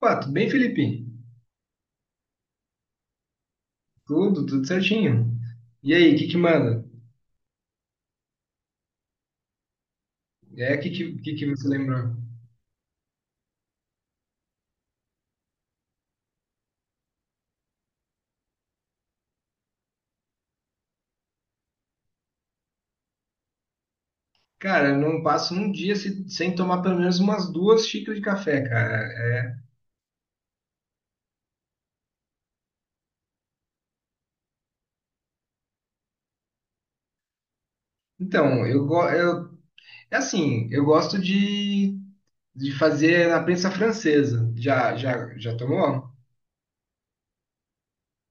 Pá, tudo bem, Felipe? Tudo certinho. E aí, o que que manda? É, o que que você lembrou? Cara, eu não passo um dia sem tomar pelo menos umas duas xícaras de café, cara. É, Então, eu é assim, eu gosto de fazer na prensa francesa. Já tomou?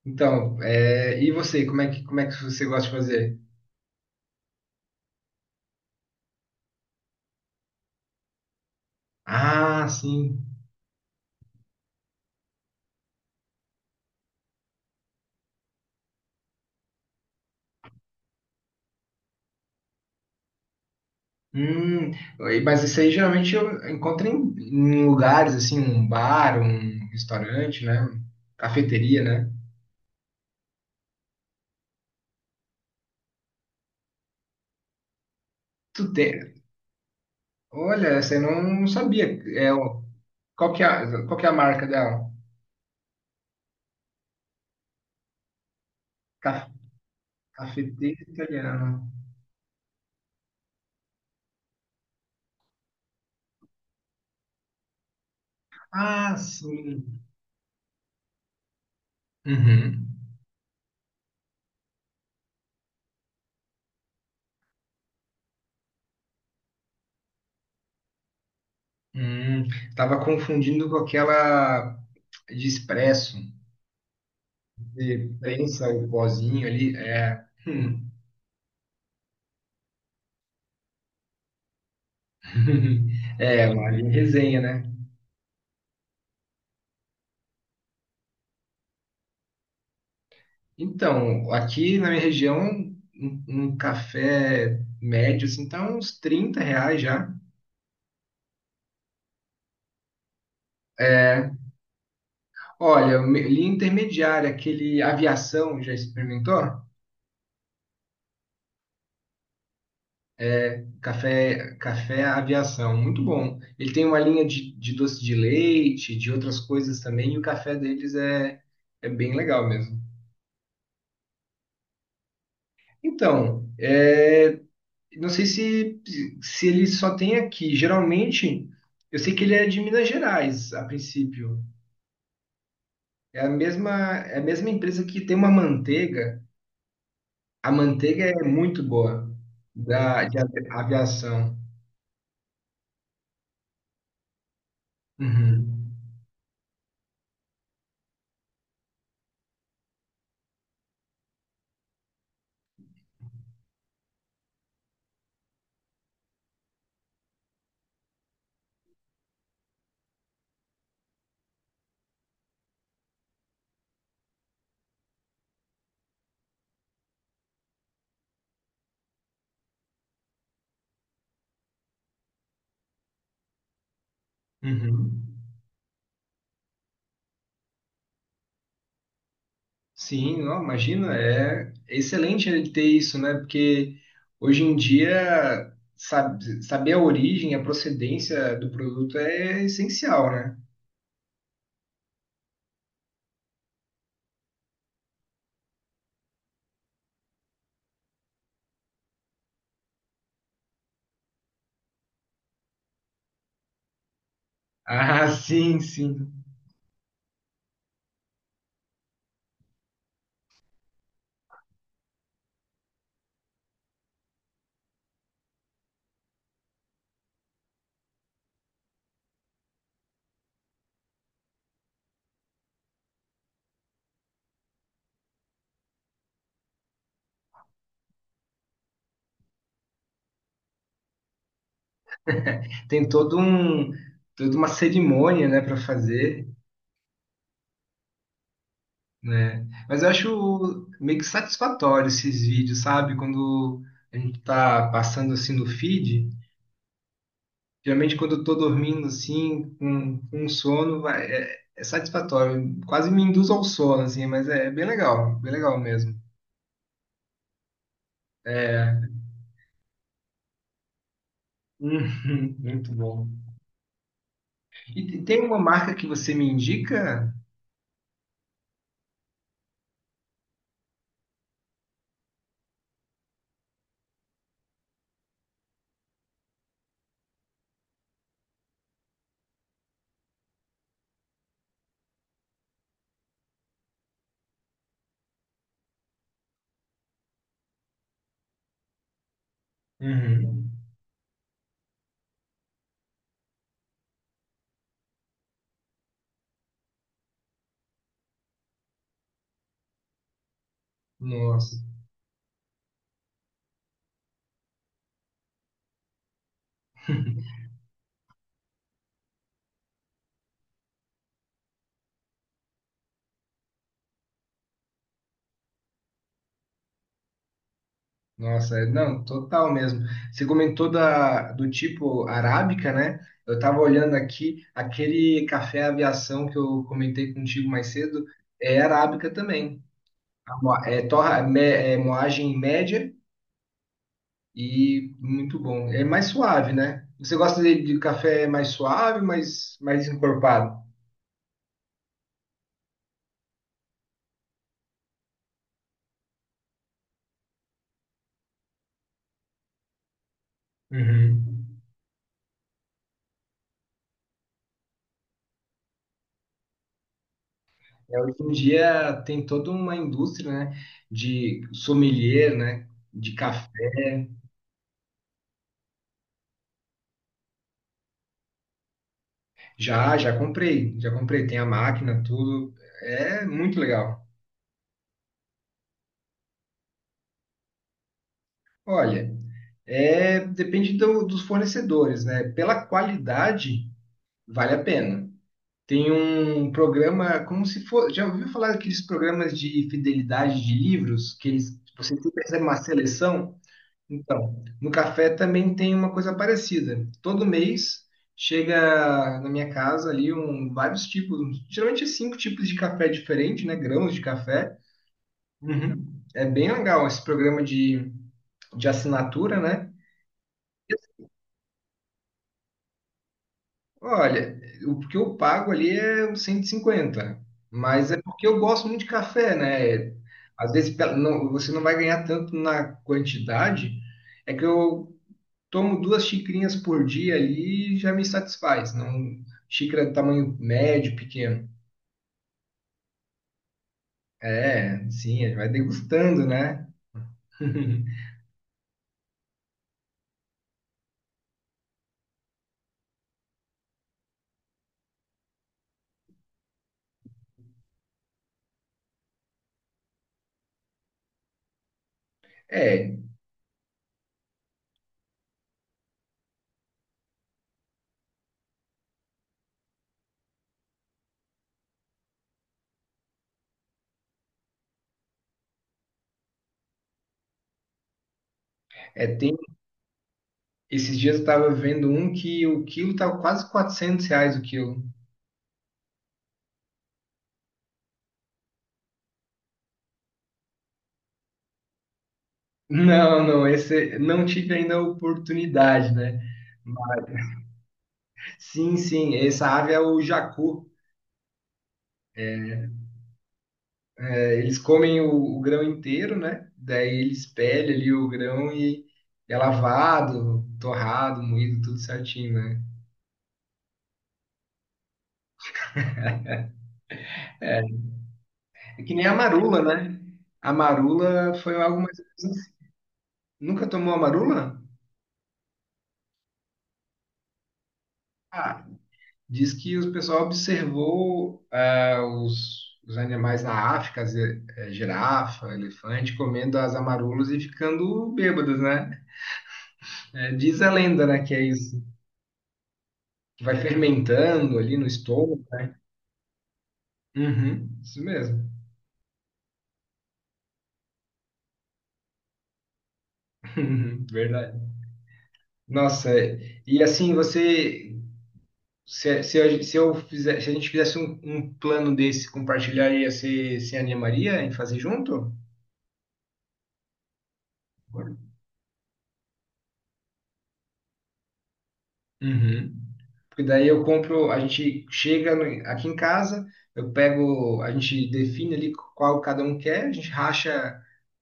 Então, e você, como é que você gosta de fazer? Ah, sim. Hum, mas isso aí geralmente eu encontro em lugares assim, um bar, um restaurante, né? Cafeteria, né? Tu tem. Olha, essa eu não sabia. É, o- qual que é a marca dela? Ca- Cafeteira italiana. Ah, sim. Uhum. Hum, tava confundindo com aquela de expresso, de prensa, o pozinho ali. É. É, uma linha resenha, né? Então, aqui na minha região, um café médio, assim, tá uns 30 reais já. É, olha, linha intermediária, aquele aviação, já experimentou? É, café aviação, muito bom. Ele tem uma linha de doce de leite, de outras coisas também, e o café deles é bem legal mesmo. Então, não sei se ele só tem aqui. Geralmente, eu sei que ele é de Minas Gerais, a princípio. É a mesma, é a mesma empresa que tem uma manteiga. A manteiga é muito boa de aviação. Uhum. Uhum. Sim, não, imagina, é excelente ele ter isso, né? Porque hoje em dia saber a origem, a procedência do produto é essencial, né? Ah, sim, sim. Tem toda uma cerimônia, né, para fazer. Né? Mas eu acho meio que satisfatório esses vídeos, sabe? Quando a gente tá passando assim no feed, geralmente quando eu tô dormindo assim, com sono, é satisfatório. Quase me induz ao sono, assim, mas é bem legal mesmo. É, muito bom. E tem uma marca que você me indica? Uhum. Nossa. Nossa, não, total mesmo. Você comentou do tipo arábica, né? Eu tava olhando aqui, aquele café aviação que eu comentei contigo mais cedo é arábica também. Torra, é moagem média e muito bom. É mais suave, né? Você gosta de café mais suave, mais encorpado? Uhum. É, hoje em dia tem toda uma indústria, né, de sommelier, né, de café. Já comprei, tem a máquina, tudo. É muito legal. Olha, depende dos fornecedores, né? Pela qualidade, vale a pena. Tem um programa como se for, já ouviu falar daqueles programas de fidelidade de livros que eles, você sempre recebe uma seleção? Então, no café também tem uma coisa parecida. Todo mês chega na minha casa ali vários tipos, geralmente é cinco tipos de café diferente, né? Grãos de café. Uhum. É bem legal esse programa de assinatura, né? Olha, o que eu pago ali é uns 150, mas é porque eu gosto muito de café, né? Às vezes você não vai ganhar tanto na quantidade, é que eu tomo duas xicrinhas por dia ali e já me satisfaz. Não, xícara de tamanho médio, pequeno. É, sim, vai degustando, né? É, é, Esses dias eu tava vendo um que o quilo tava quase 400 reais o quilo. Não, não, esse não tive ainda a oportunidade, né? Sim, sim, essa ave é o jacu. É, eles comem o grão inteiro, né? Daí eles pelham ali o grão e é lavado, torrado, moído, tudo certinho, né? É que nem a marula, né? A marula foi algo mais ou menos assim. Nunca tomou a marula? Diz que o pessoal observou os animais na África, girafa, elefante, comendo as amarulas e ficando bêbados, né? É, diz a lenda, né, que é isso, que vai fermentando ali no estômago. Uhum, isso mesmo. Verdade. Nossa, e assim, você, se, a, se eu fizer, se a gente fizesse um plano desse, compartilharia, você se animaria em fazer junto? Uhum. Porque daí eu compro, a gente chega aqui em casa, eu pego, a gente define ali qual cada um quer, a gente racha,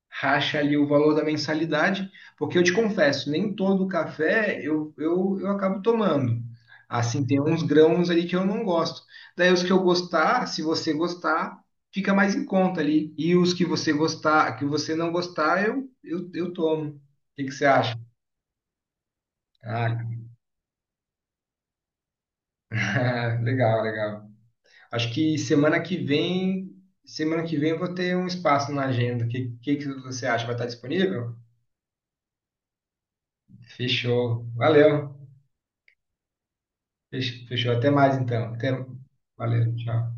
racha ali o valor da mensalidade, porque eu te confesso, nem todo café eu acabo tomando. Assim, tem uns grãos ali que eu não gosto. Daí os que eu gostar, se você gostar, fica mais em conta ali. E os que você gostar, que você não gostar, eu tomo. O que que você acha? Ah, legal, legal. Acho que semana que vem eu vou ter um espaço na agenda. O que que você acha? Vai estar disponível? Fechou. Valeu. Fechou. Até mais então. Até. Valeu. Tchau.